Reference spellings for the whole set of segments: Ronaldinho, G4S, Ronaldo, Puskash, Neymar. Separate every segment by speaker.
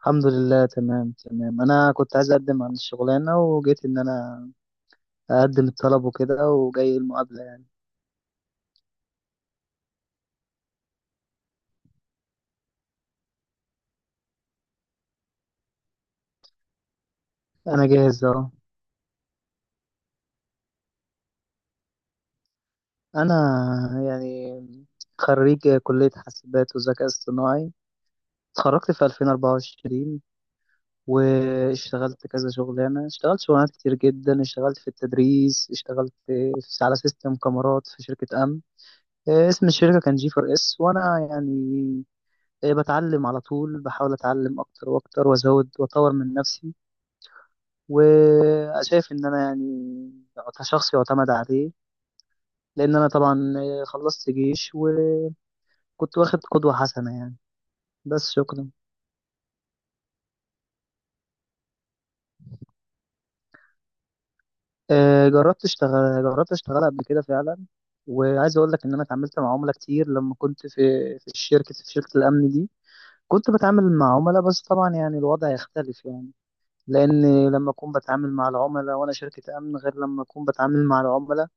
Speaker 1: الحمد لله، تمام تمام. انا كنت عايز اقدم عن الشغلانه وجيت ان انا اقدم الطلب وكده وجاي المقابله يعني. انا جاهز اهو. انا يعني خريج كليه حاسبات وذكاء اصطناعي. اتخرجت في 2024 واشتغلت كذا شغلانه، اشتغلت شغلانات كتير جدا. اشتغلت في التدريس، اشتغلت على سيستم كاميرات في شركه امن. اسم الشركه كان جي فور اس، وانا يعني بتعلم على طول، بحاول اتعلم اكتر واكتر وازود واطور من نفسي، وشايف ان انا يعني كشخص يعتمد عليه. لان انا طبعا خلصت جيش وكنت واخد قدوة حسنة يعني. بس شكرا. جربت اشتغل، قبل كده فعلا، وعايز اقول لك ان انا اتعاملت مع عملاء كتير لما كنت في في الشركة في شركة الامن دي. كنت بتعامل مع عملاء، بس طبعا يعني الوضع يختلف يعني. لان لما اكون بتعامل مع العملاء وانا شركة امن، غير لما اكون بتعامل مع العملاء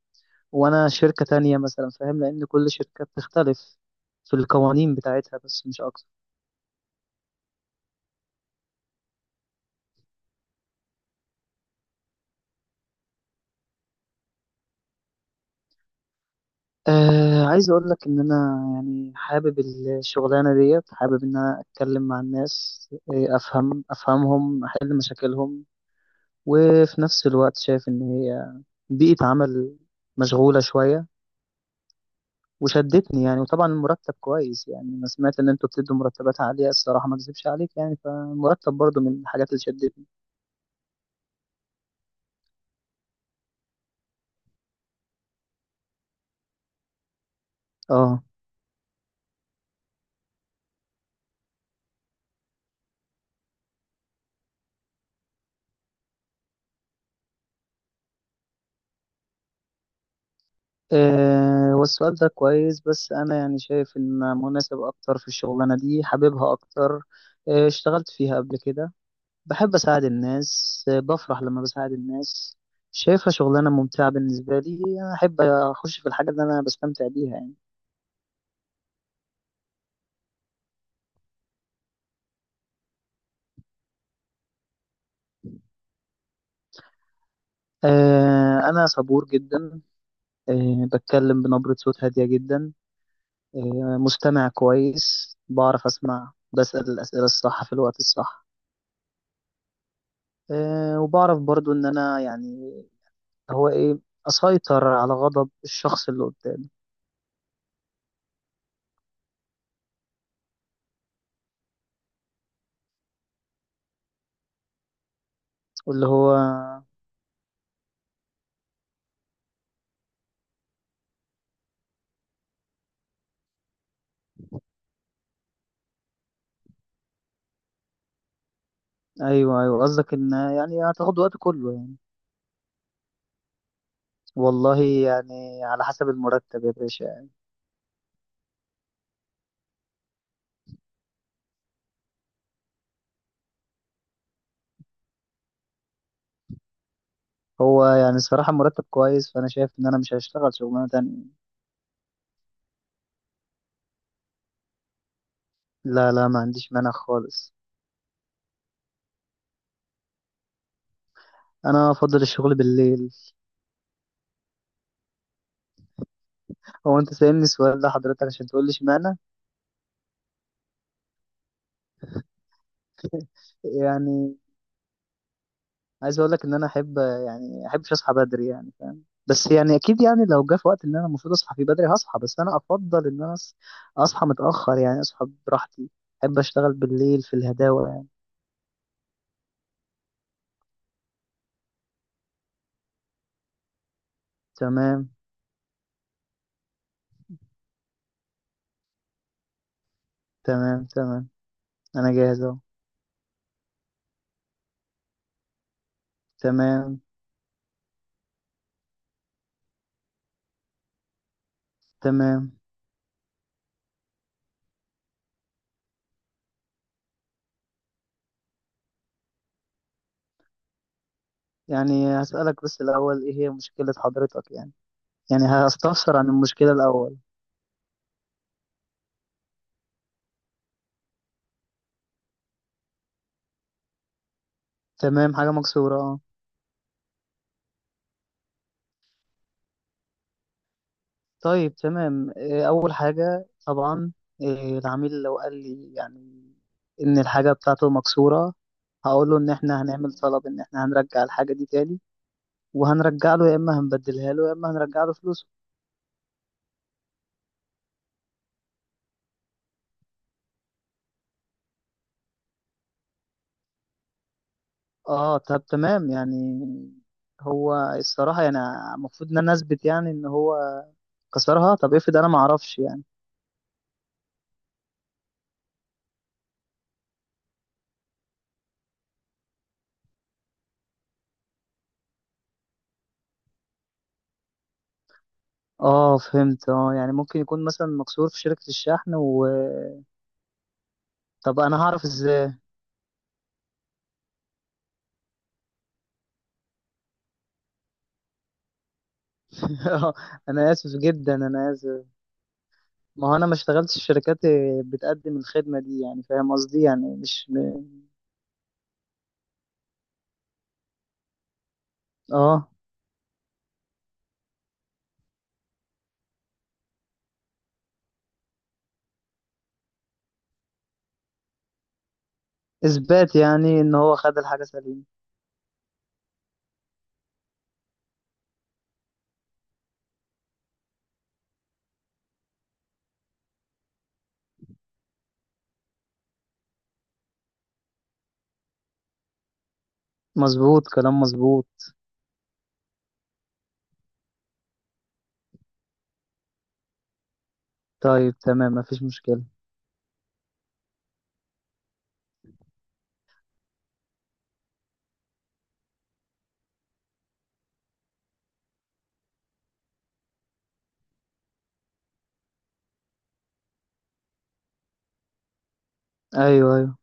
Speaker 1: وانا شركة تانية مثلا، فاهم؟ لان كل شركة بتختلف في القوانين بتاعتها، بس مش اكتر. آه، عايز اقول لك ان انا يعني حابب الشغلانة ديت. حابب ان انا اتكلم مع الناس، افهم افهمهم، احل مشاكلهم. وفي نفس الوقت شايف ان هي بيئة عمل مشغولة شوية وشدتني يعني. وطبعا المرتب كويس، يعني انا سمعت ان انتوا بتدوا مرتبات عالية، الصراحة ما اكذبش عليك يعني، فالمرتب برضو من الحاجات اللي شدتني. اه. والسؤال ده كويس، بس أنا يعني شايف إن مناسب أكتر في الشغلانة دي، حاببها أكتر. اشتغلت فيها قبل كده. بحب أساعد الناس، بفرح لما بساعد الناس. شايفها شغلانة ممتعة بالنسبة لي. أنا أحب أخش في الحاجة اللي أنا بستمتع بيها يعني. أنا صبور جدا. بتكلم بنبرة صوت هادية جدا. مستمع كويس، بعرف أسمع، بسأل الأسئلة الصح في الوقت الصح. وبعرف برضو ان انا يعني هو ايه، اسيطر على غضب الشخص اللي قدامي. واللي هو ايوه ايوه، قصدك ان يعني هتاخد وقت كله يعني. والله يعني على حسب المرتب يا باشا يعني. هو يعني الصراحة مرتب كويس، فأنا شايف إن أنا مش هشتغل شغلانة تانية. لا لا، ما عنديش مانع خالص. أنا أفضل الشغل بالليل. هو أنت سألني السؤال ده حضرتك عشان تقول لي اشمعنى؟ يعني عايز اقول لك ان انا احب يعني احبش اصحى بدري يعني، فاهم؟ بس يعني اكيد يعني لو جه في وقت ان انا المفروض اصحى فيه بدري، هصحى. بس انا افضل ان انا اصحى متاخر يعني، اصحى براحتي. احب اشتغل بالليل في الهداوه يعني. تمام. تمام تمام، انا جاهز اهو. تمام تمام. يعني هسالك بس الاول ايه هي مشكله حضرتك يعني، يعني هستفسر عن المشكله الاول. تمام، حاجه مكسوره، اه. طيب تمام. أول حاجة طبعا، العميل لو قال لي يعني إن الحاجة بتاعته مكسورة، هقول له إن إحنا هنعمل طلب إن إحنا هنرجع الحاجة دي تاني، وهنرجع له، يا إما هنبدلها له يا إما هنرجع له فلوسه. آه، طب تمام يعني. هو الصراحة يعني المفروض إن أنا أثبت يعني إن هو كسرها. طب افرض أنا معرفش يعني. آه فهمت. آه، يعني ممكن يكون مثلا مكسور في شركة الشحن. و طب أنا هعرف إزاي؟ أنا آسف جدا، أنا آسف. ما هو انا ما اشتغلتش في شركات بتقدم الخدمه دي يعني، فاهم قصدي يعني؟ مش م- اه، اثبات يعني ان هو خد الحاجه سليمه. مظبوط، كلام مظبوط. طيب تمام، مفيش مشكله. ايوه ايوه.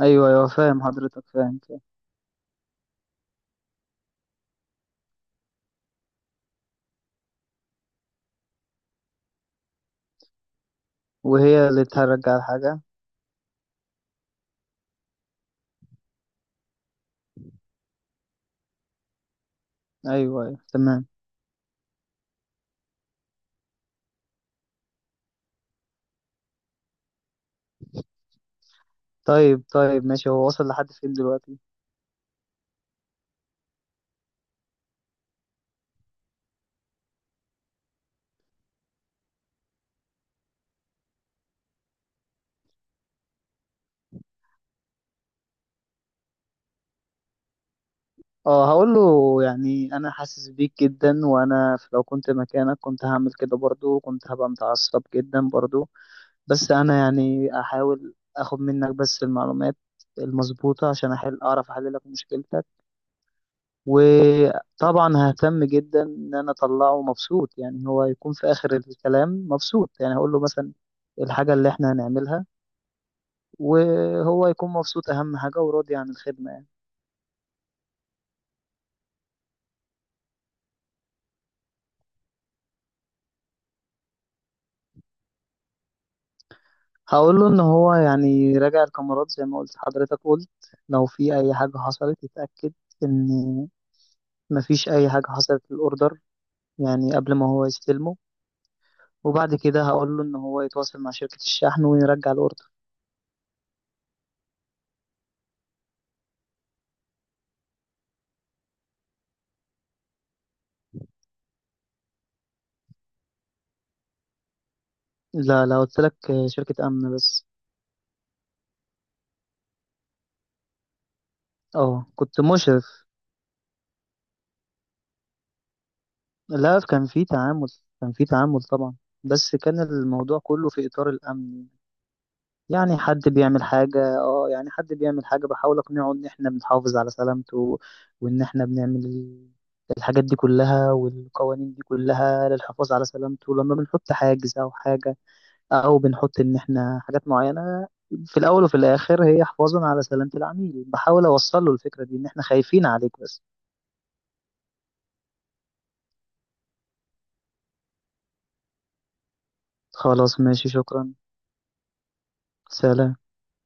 Speaker 1: ايوه ايوه فاهم حضرتك، فاهم فاهم. وهي اللي ترجع الحاجه. ايوه ايوه، تمام. طيب طيب ماشي، هو وصل لحد فين دلوقتي؟ اه، هقول له يعني انا حاسس بيك جدا، وانا لو كنت مكانك كنت هعمل كده برضو، كنت هبقى متعصب جدا برضو. بس انا يعني احاول اخد منك بس المعلومات المظبوطة عشان احل، اعرف احل لك مشكلتك. وطبعا ههتم جدا ان انا اطلعه مبسوط، يعني هو يكون في اخر الكلام مبسوط. يعني هقول له مثلا الحاجة اللي احنا هنعملها، وهو يكون مبسوط، اهم حاجة وراضي عن الخدمة يعني. هقول له ان هو يعني راجع الكاميرات زي ما قلت حضرتك، قلت لو في اي حاجة حصلت يتأكد ان مفيش اي حاجة حصلت في الاوردر، يعني قبل ما هو يستلمه. وبعد كده هقول له ان هو يتواصل مع شركة الشحن ويرجع الاوردر. لا لا، قلت لك شركة امن بس. اه كنت مشرف. لا، كان في تعامل، كان في تعامل طبعا، بس كان الموضوع كله في اطار الامن. يعني حد بيعمل حاجة، اه يعني حد بيعمل حاجة بحاول اقنعه ان احنا بنحافظ على سلامته، وان احنا بنعمل الحاجات دي كلها، والقوانين دي كلها للحفاظ على سلامته، لما بنحط حاجز او حاجة، او بنحط ان احنا حاجات معينه. في الاول وفي الاخر هي حفاظا على سلامه العميل. بحاول اوصل له الفكره دي ان احنا خايفين عليك بس. خلاص ماشي، شكرا. سلام.